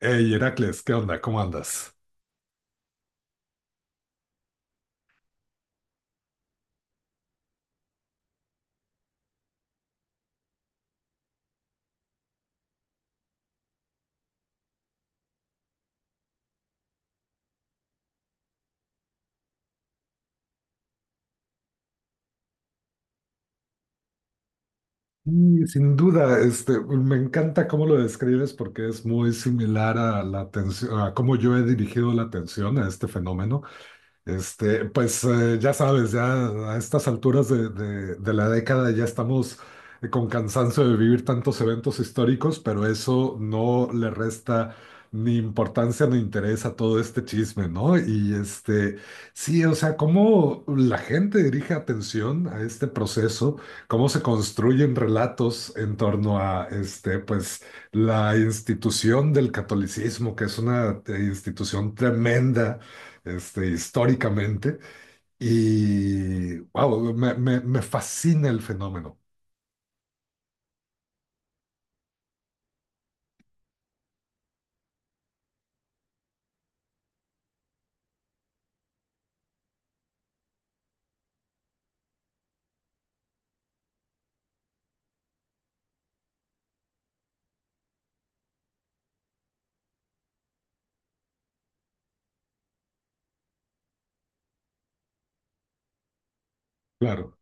Hey, Heracles, ¿qué onda? ¿Cómo andas? Y sin duda, me encanta cómo lo describes porque es muy similar a la atención, a cómo yo he dirigido la atención a este fenómeno. Ya sabes, ya a estas alturas de la década ya estamos con cansancio de vivir tantos eventos históricos, pero eso no le resta ni importancia ni interés a todo este chisme, ¿no? Y sí, o sea, cómo la gente dirige atención a este proceso, cómo se construyen relatos en torno a este, pues, la institución del catolicismo, que es una institución tremenda, este, históricamente. Y, wow, me fascina el fenómeno, claro.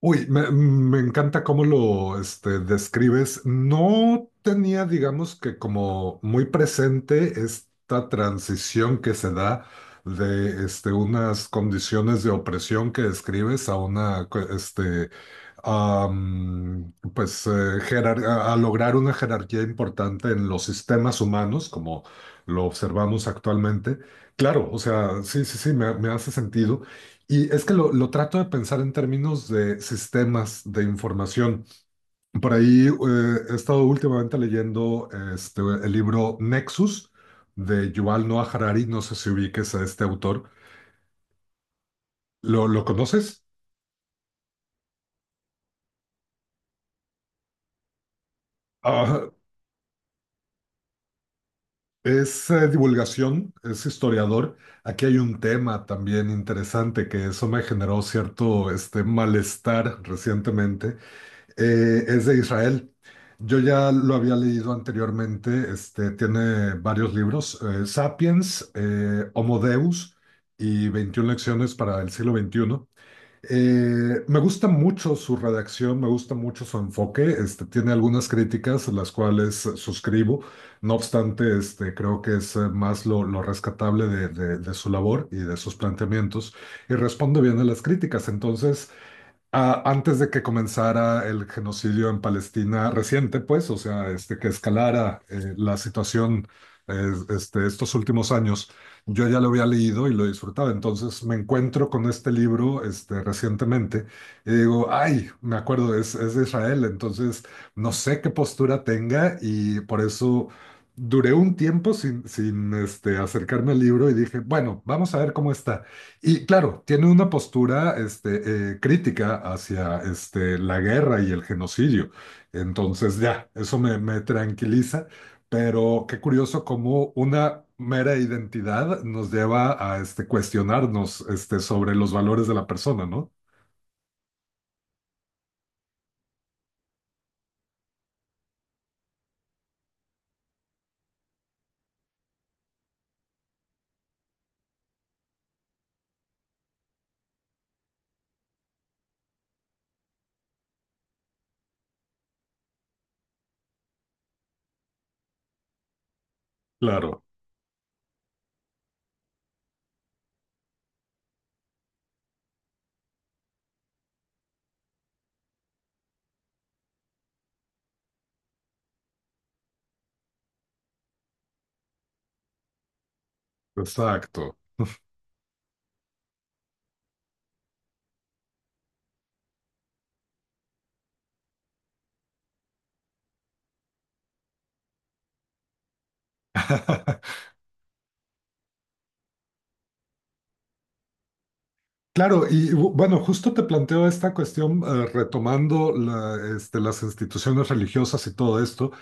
Uy, me encanta cómo lo, describes. No tenía, digamos que como muy presente esta transición que se da de, unas condiciones de opresión que describes a una, a, a lograr una jerarquía importante en los sistemas humanos, como lo observamos actualmente. Claro, o sea, sí, sí, sí, me hace sentido. Y es que lo trato de pensar en términos de sistemas de información. Por ahí he estado últimamente leyendo el libro Nexus de Yuval Noah Harari. No sé si ubiques a este autor. Lo conoces? Ah, es divulgación, es historiador. Aquí hay un tema también interesante que eso me generó cierto, malestar recientemente. Es de Israel. Yo ya lo había leído anteriormente, tiene varios libros, Sapiens, Homo Deus y 21 lecciones para el siglo XXI. Me gusta mucho su redacción, me gusta mucho su enfoque. Este, tiene algunas críticas, las cuales suscribo. No obstante, creo que es más lo rescatable de su labor y de sus planteamientos. Y responde bien a las críticas. Entonces, ah, antes de que comenzara el genocidio en Palestina reciente, pues, o sea, que escalara la situación estos últimos años, yo ya lo había leído y lo disfrutaba. Entonces me encuentro con este libro, recientemente y digo, ay, me acuerdo, es de Israel, entonces no sé qué postura tenga y por eso duré un tiempo sin acercarme al libro y dije, bueno, vamos a ver cómo está. Y claro, tiene una postura, crítica hacia la guerra y el genocidio. Entonces, ya, eso me tranquiliza, pero qué curioso cómo una mera identidad nos lleva a, cuestionarnos, sobre los valores de la persona, ¿no? Claro, exacto. Claro, y bueno, justo te planteo esta cuestión retomando las instituciones religiosas y todo esto,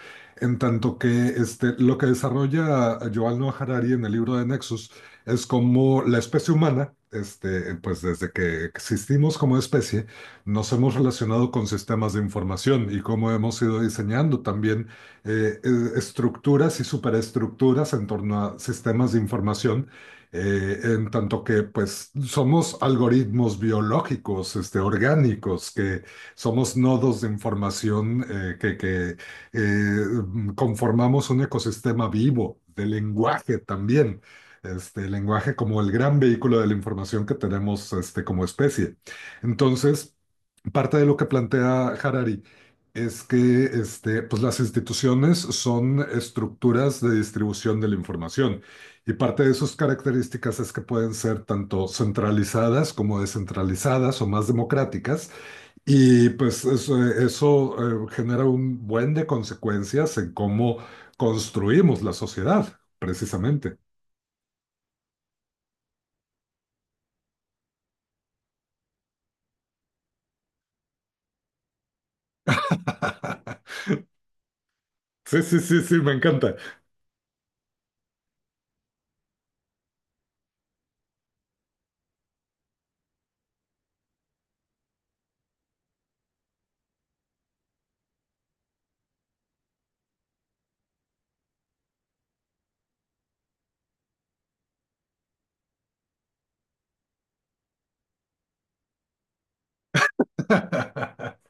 en tanto que lo que desarrolla Yuval Noah Harari en el libro de Nexus es como la especie humana, pues desde que existimos como especie, nos hemos relacionado con sistemas de información y cómo hemos ido diseñando también eh, eh, estructuras y superestructuras en torno a sistemas de información, en tanto que pues somos algoritmos biológicos, orgánicos, que somos nodos de información, que eh, conformamos un ecosistema vivo de lenguaje también. Este, el lenguaje como el gran vehículo de la información que tenemos, como especie. Entonces, parte de lo que plantea Harari es que, pues las instituciones son estructuras de distribución de la información y parte de sus características es que pueden ser tanto centralizadas como descentralizadas o más democráticas y pues eso, genera un buen de consecuencias en cómo construimos la sociedad, precisamente. Sí, sí, sí, sí, me encanta.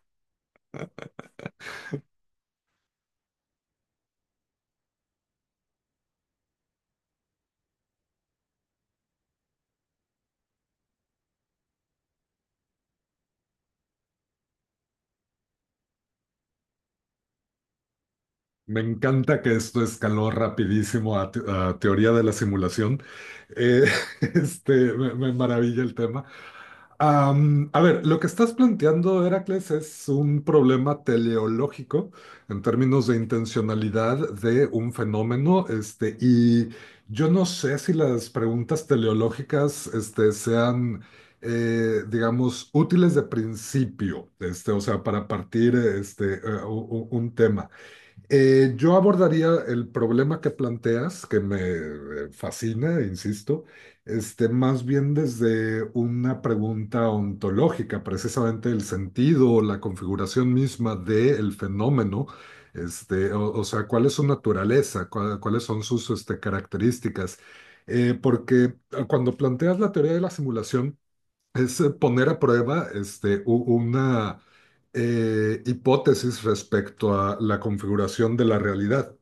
Me encanta que esto escaló rapidísimo a, a teoría de la simulación. Eh, me maravilla el tema. Am, a ver, lo que estás planteando, Heracles, es un problema teleológico en términos de intencionalidad de un fenómeno, y yo no sé si las preguntas teleológicas, sean, digamos, útiles de principio, o sea, para partir, un tema. Yo abordaría el problema que planteas, que me fascina, insisto, más bien desde una pregunta ontológica, precisamente el sentido o la configuración misma del fenómeno, o sea, cuál es su naturaleza. ¿Cuáles son sus, características? Porque cuando planteas la teoría de la simulación, es, poner a prueba, una hipótesis respecto a la configuración de la realidad.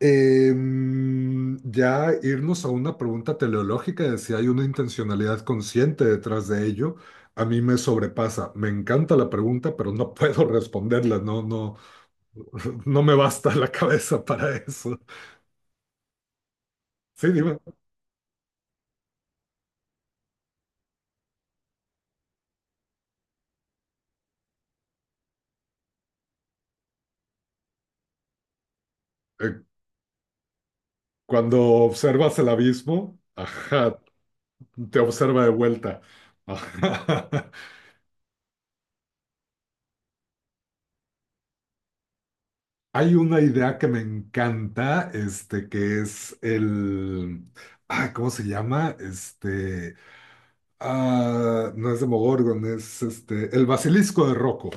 Ya irnos a una pregunta teleológica de si hay una intencionalidad consciente detrás de ello, a mí me sobrepasa. Me encanta la pregunta, pero no puedo responderla, no, no, no me basta la cabeza para eso. Sí, dime. Eh, Cuando observas el abismo, ajá, te observa de vuelta. Ajá. Hay una idea que me encanta, que es el, ah, ¿cómo se llama? No es de Demogorgon, el basilisco de Rocco,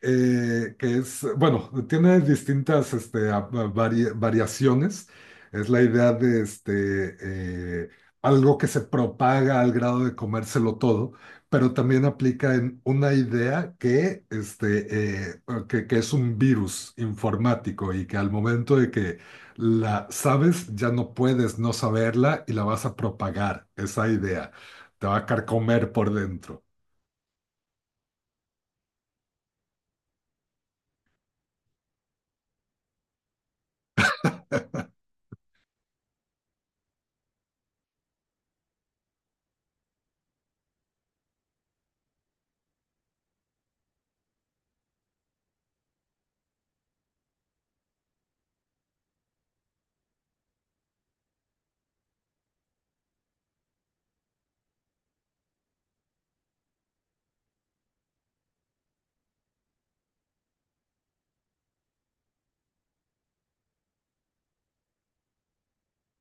que es, bueno, tiene distintas, variaciones. Es la idea de, eh, algo que se propaga al grado de comérselo todo, pero también aplica en una idea que es un virus informático y que al momento de que la sabes, ya no puedes no saberla y la vas a propagar, esa idea. Te va a carcomer por dentro.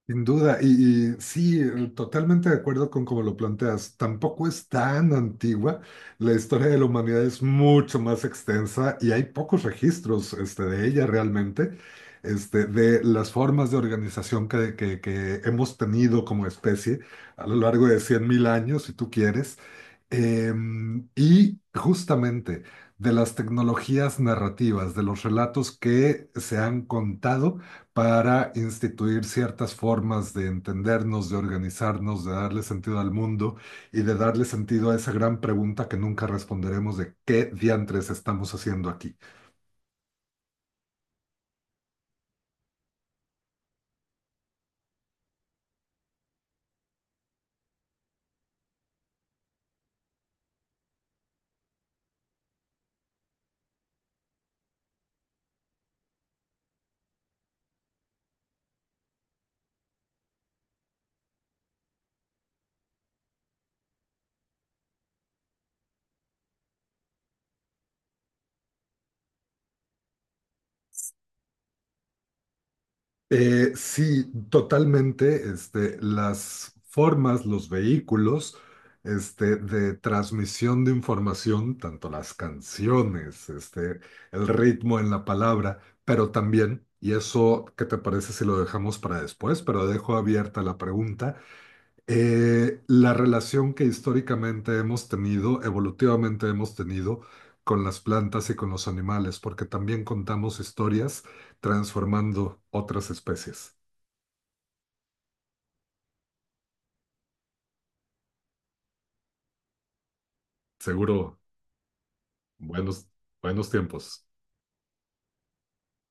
Sin duda, y sí, totalmente de acuerdo con cómo lo planteas. Tampoco es tan antigua. La historia de la humanidad es mucho más extensa y hay pocos registros, de ella realmente, de las formas de organización que hemos tenido como especie a lo largo de 100.000 años, si tú quieres. Y justamente de las tecnologías narrativas, de los relatos que se han contado para instituir ciertas formas de entendernos, de organizarnos, de darle sentido al mundo y de darle sentido a esa gran pregunta que nunca responderemos de qué diantres estamos haciendo aquí. Sí, totalmente, las formas, los vehículos. Este, de transmisión de información, tanto las canciones, el ritmo en la palabra, pero también, y eso, ¿qué te parece si lo dejamos para después? Pero dejo abierta la pregunta, la relación que históricamente hemos tenido, evolutivamente hemos tenido con las plantas y con los animales, porque también contamos historias transformando otras especies. Seguro, buenos, buenos tiempos.